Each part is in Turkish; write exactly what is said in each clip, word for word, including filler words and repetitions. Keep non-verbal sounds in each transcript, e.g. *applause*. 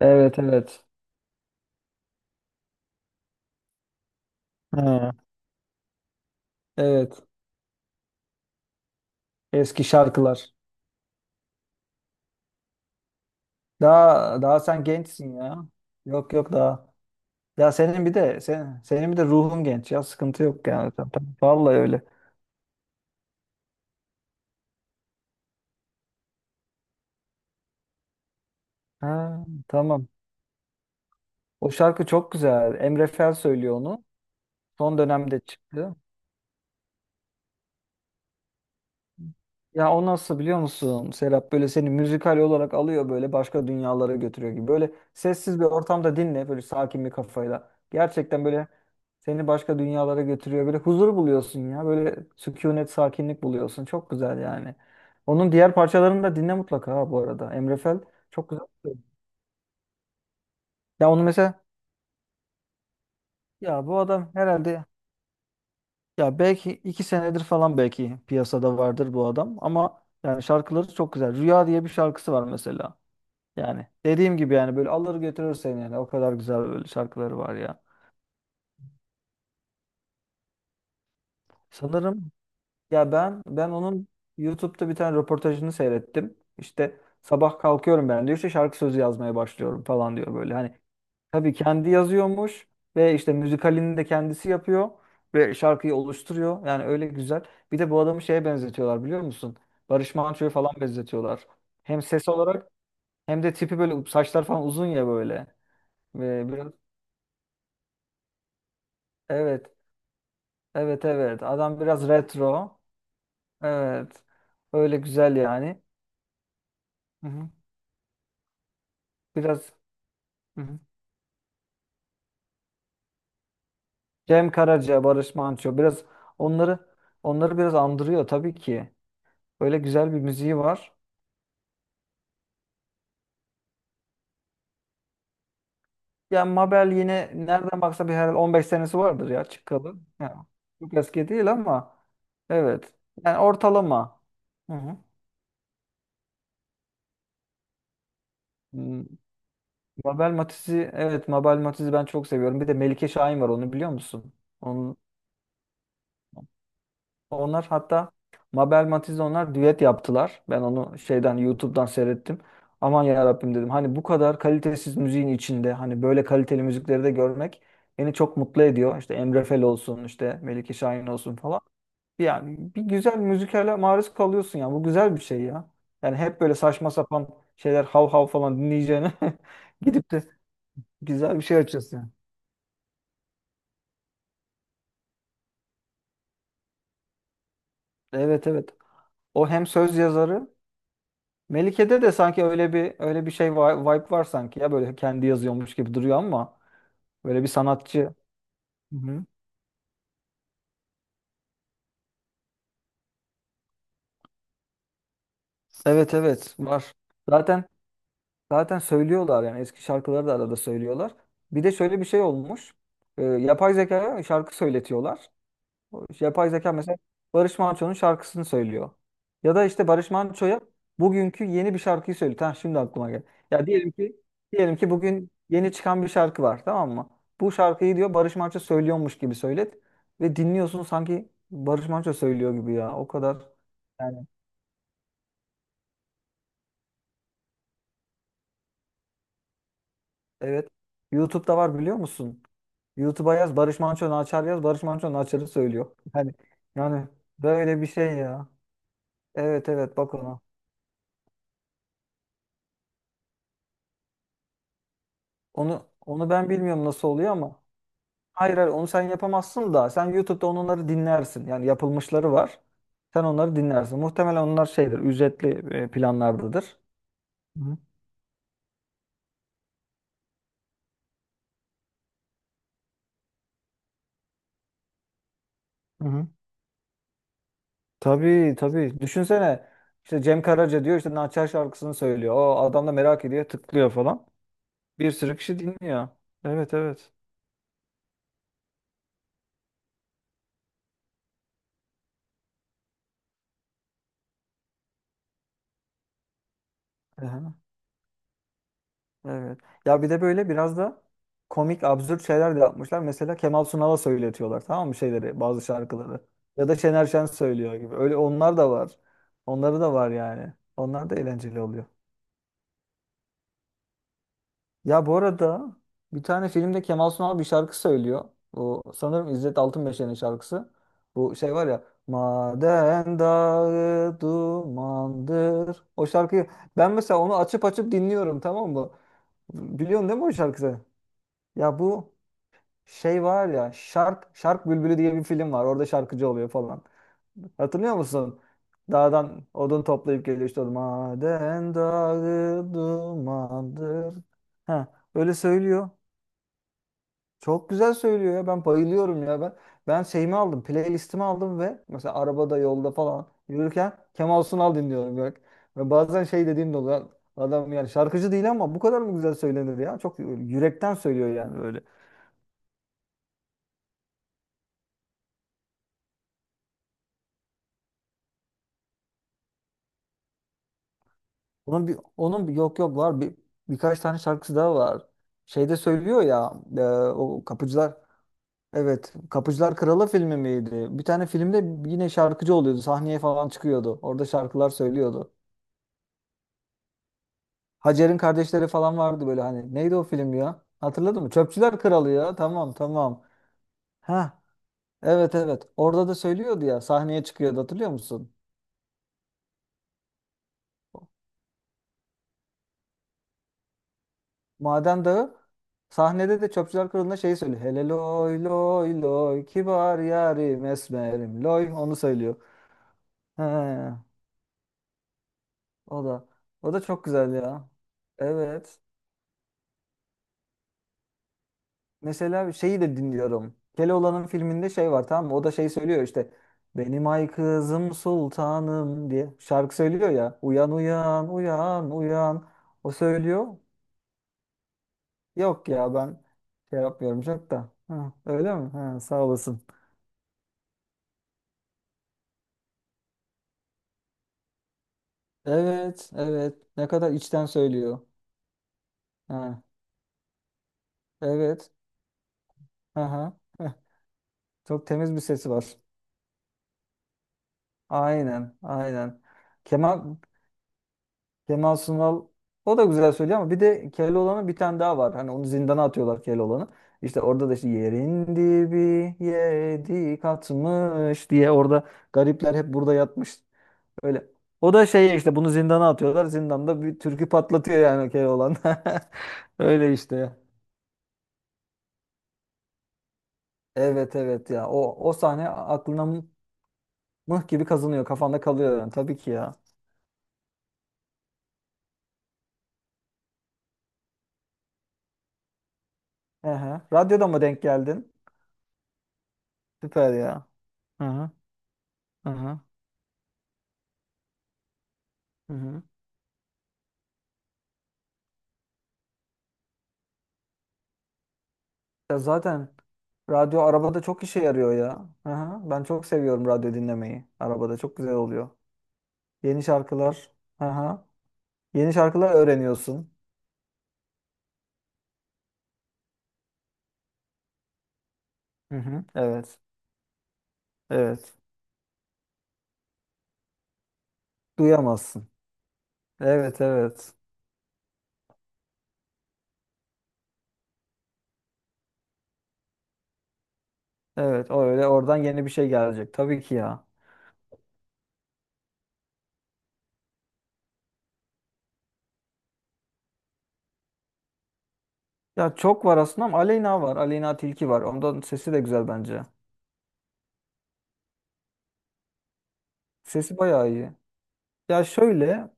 Evet evet. Ha. Evet. Eski şarkılar. Daha daha sen gençsin ya. Yok yok daha. Ya senin bir de sen, senin bir de ruhun genç ya. Sıkıntı yok yani. Tam- tam- Vallahi öyle. Ha, tamam. O şarkı çok güzel. Emre Fel söylüyor onu. Son dönemde çıktı. Ya o nasıl biliyor musun Serap? Böyle seni müzikal olarak alıyor, böyle başka dünyalara götürüyor gibi. Böyle sessiz bir ortamda dinle, böyle sakin bir kafayla. Gerçekten böyle seni başka dünyalara götürüyor. Böyle huzur buluyorsun ya. Böyle sükunet, sakinlik buluyorsun. Çok güzel yani. Onun diğer parçalarını da dinle mutlaka ha, bu arada. Emre Fel çok güzel söylüyor. Ya onu mesela, ya bu adam herhalde, ya belki iki senedir falan belki piyasada vardır bu adam, ama yani şarkıları çok güzel. Rüya diye bir şarkısı var mesela. Yani dediğim gibi, yani böyle alır götürür seni, yani o kadar güzel böyle şarkıları var ya. Sanırım, ya ben ben onun YouTube'da bir tane röportajını seyrettim. İşte sabah kalkıyorum ben diyor, işte şarkı sözü yazmaya başlıyorum falan diyor böyle. Hani tabii kendi yazıyormuş ve işte müzikalini de kendisi yapıyor ve şarkıyı oluşturuyor. Yani öyle güzel. Bir de bu adamı şeye benzetiyorlar, biliyor musun? Barış Manço'ya falan benzetiyorlar. Hem ses olarak, hem de tipi böyle, saçlar falan uzun ya böyle. Ve biraz, evet evet evet, adam biraz retro. Evet. Öyle güzel yani. Hı hı. Biraz. Hı hı. Cem Karaca, Barış Manço, biraz onları onları biraz andırıyor tabii ki. Böyle güzel bir müziği var. Yani Mabel yine nereden baksa bir herhalde on beş senesi vardır ya çıkalı. Ya, çok eski değil ama, evet. Yani ortalama. Hı hı. Hmm, Mabel Matiz'i, evet, Mabel Matiz'i ben çok seviyorum. Bir de Melike Şahin var, onu biliyor musun? Onlar hatta Mabel Matiz'le onlar düet yaptılar. Ben onu şeyden, YouTube'dan seyrettim. Aman ya Rabbim dedim. Hani bu kadar kalitesiz müziğin içinde hani böyle kaliteli müzikleri de görmek beni çok mutlu ediyor. İşte Emre Fel olsun, işte Melike Şahin olsun falan. Yani bir güzel müzikale maruz kalıyorsun ya. Bu güzel bir şey ya. Yani hep böyle saçma sapan şeyler, hav hav falan dinleyeceğine *laughs* gidip de güzel bir şey açıyorsun yani. Evet evet. O hem söz yazarı. Melike'de de sanki öyle bir öyle bir şey, vi- vibe var sanki ya, böyle kendi yazıyormuş gibi duruyor ama, böyle bir sanatçı. Hı-hı. Evet evet var. Zaten zaten söylüyorlar yani, eski şarkıları da arada söylüyorlar. Bir de şöyle bir şey olmuş. Ee, yapay zekaya şarkı söyletiyorlar. O işte yapay zeka mesela Barış Manço'nun şarkısını söylüyor. Ya da işte Barış Manço'ya bugünkü yeni bir şarkıyı söylüyor. Ha, şimdi aklıma geldi. Ya diyelim ki diyelim ki bugün yeni çıkan bir şarkı var, tamam mı? Bu şarkıyı diyor Barış Manço söylüyormuş gibi söylet, ve dinliyorsun sanki Barış Manço söylüyor gibi ya. O kadar yani. Evet. YouTube'da var, biliyor musun? YouTube'a yaz Barış Manço Naçar, yaz Barış Manço Naçar'ı söylüyor. *laughs* Yani, yani böyle bir şey ya. Evet evet, bak ona. Onu onu ben bilmiyorum nasıl oluyor ama. Hayır hayır, onu sen yapamazsın, da sen YouTube'da onları dinlersin. Yani yapılmışları var. Sen onları dinlersin. Muhtemelen onlar şeydir, ücretli e, planlardadır. Hı hı. Hı. Tabii tabii. Düşünsene işte Cem Karaca diyor, işte Naçar şarkısını söylüyor. O adam da merak ediyor, tıklıyor falan. Bir sürü kişi dinliyor. Evet evet. Hı. Evet. Ya bir de böyle biraz da komik, absürt şeyler de yapmışlar. Mesela Kemal Sunal'a söyletiyorlar, tamam mı, şeyleri, bazı şarkıları. Ya da Şener Şen söylüyor gibi. Öyle onlar da var. Onları da var yani. Onlar da eğlenceli oluyor. Ya bu arada, bir tane filmde Kemal Sunal bir şarkı söylüyor. Bu sanırım İzzet Altınmeşe'nin şarkısı. Bu şey var ya, Maden dağı dumandır. O şarkıyı ben mesela onu açıp açıp dinliyorum, tamam mı? Biliyorsun değil mi o şarkıyı? Ya bu, şey var ya, Şark Şark Bülbülü diye bir film var. Orada şarkıcı oluyor falan. Hatırlıyor musun? Dağdan odun toplayıp geliyor, işte odun. Maden dağı dumandır. Ha, öyle söylüyor. Çok güzel söylüyor ya. Ben bayılıyorum ya. Ben ben şeyimi aldım. Playlistimi aldım ve mesela arabada, yolda falan yürürken Kemal Sunal dinliyorum. Bak. Ve bazen şey dediğim de oluyor. Adam yani şarkıcı değil ama bu kadar mı güzel söylenir ya? Çok yürekten söylüyor yani böyle. Onun bir onun bir yok yok, var bir birkaç tane şarkısı daha var. Şeyde söylüyor ya, e, o kapıcılar, evet, Kapıcılar Kralı filmi miydi? Bir tane filmde yine şarkıcı oluyordu. Sahneye falan çıkıyordu. Orada şarkılar söylüyordu. Hacer'in kardeşleri falan vardı böyle, hani. Neydi o film ya? Hatırladın mı? Çöpçüler Kralı ya. Tamam tamam. Ha evet evet. Orada da söylüyordu ya. Sahneye çıkıyordu, hatırlıyor musun? Maden Dağı, sahnede de Çöpçüler Kralı'nda şeyi söylüyor. Hele loy loy loy, kibar yarim esmerim loy, onu söylüyor. He, o da, o da çok güzel ya. Evet. Mesela şeyi de dinliyorum. Keloğlan'ın filminde şey var, tamam mı? O da şey söylüyor işte. Benim ay kızım sultanım diye şarkı söylüyor ya. Uyan uyan uyan uyan. O söylüyor. Yok ya, ben şey yapmıyorum çok da. Ha, öyle mi? Ha, sağ olasın. Evet, evet. Ne kadar içten söylüyor. Ha, evet. Aha. Heh. Çok temiz bir sesi var. Aynen, aynen. Kemal Kemal Sunal, o da güzel söylüyor ama bir de Keloğlan'ın bir tane daha var. Hani onu zindana atıyorlar, Keloğlan'ı. İşte orada da işte, yerin dibi yedi katmış diye, orada garipler hep burada yatmış. Öyle. O da şey, işte bunu zindana atıyorlar. Zindanda bir türkü patlatıyor yani Keloğlan. *laughs* Öyle işte. Evet evet ya, o o sahne aklına mı- mıh gibi kazınıyor, kafanda kalıyor yani tabii ki ya. Ehe. Radyoda mı denk geldin? Süper ya. Hı hı. Hı hı. Hı hı. Ya zaten radyo arabada çok işe yarıyor ya. Hı hı. Ben çok seviyorum radyo dinlemeyi. Arabada çok güzel oluyor. Yeni şarkılar. Hı hı. Yeni şarkılar öğreniyorsun. Hı hı. Evet. Evet. Duyamazsın. Evet evet. Evet, o öyle, oradan yeni bir şey gelecek tabii ki ya. Ya çok var aslında, ama Aleyna var. Aleyna Tilki var. Ondan sesi de güzel bence. Sesi bayağı iyi. Ya şöyle,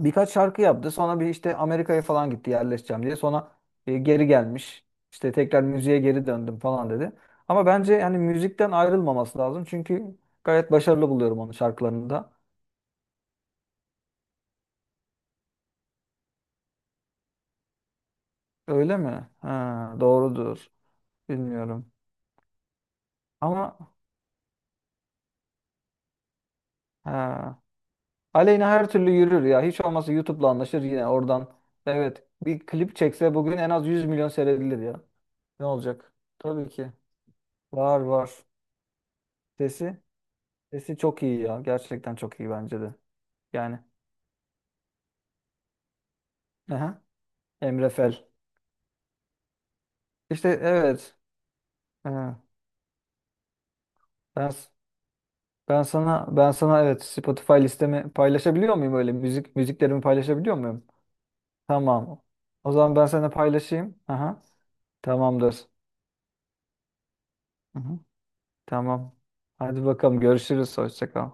birkaç şarkı yaptı. Sonra bir işte Amerika'ya falan gitti, yerleşeceğim diye. Sonra e, geri gelmiş. İşte tekrar müziğe geri döndüm falan dedi. Ama bence yani müzikten ayrılmaması lazım. Çünkü gayet başarılı buluyorum onun şarkılarını da. Öyle mi? Ha, doğrudur. Bilmiyorum. Ama ha. Aleyna her türlü yürür ya. Hiç olmazsa YouTube'la anlaşır yine oradan. Evet. Bir klip çekse bugün en az yüz milyon seyredilir ya. Ne olacak? Tabii ki. Var var. Sesi. Sesi çok iyi ya. Gerçekten çok iyi bence de. Yani. Aha. Emre Fel. İşte evet. Aha. Ben ben sana ben sana evet, Spotify listemi paylaşabiliyor muyum, öyle müzik müziklerimi paylaşabiliyor muyum? Tamam. O zaman ben sana paylaşayım. Aha. Tamamdır. Aha. Tamam. Hadi bakalım, görüşürüz. Hoşça kal.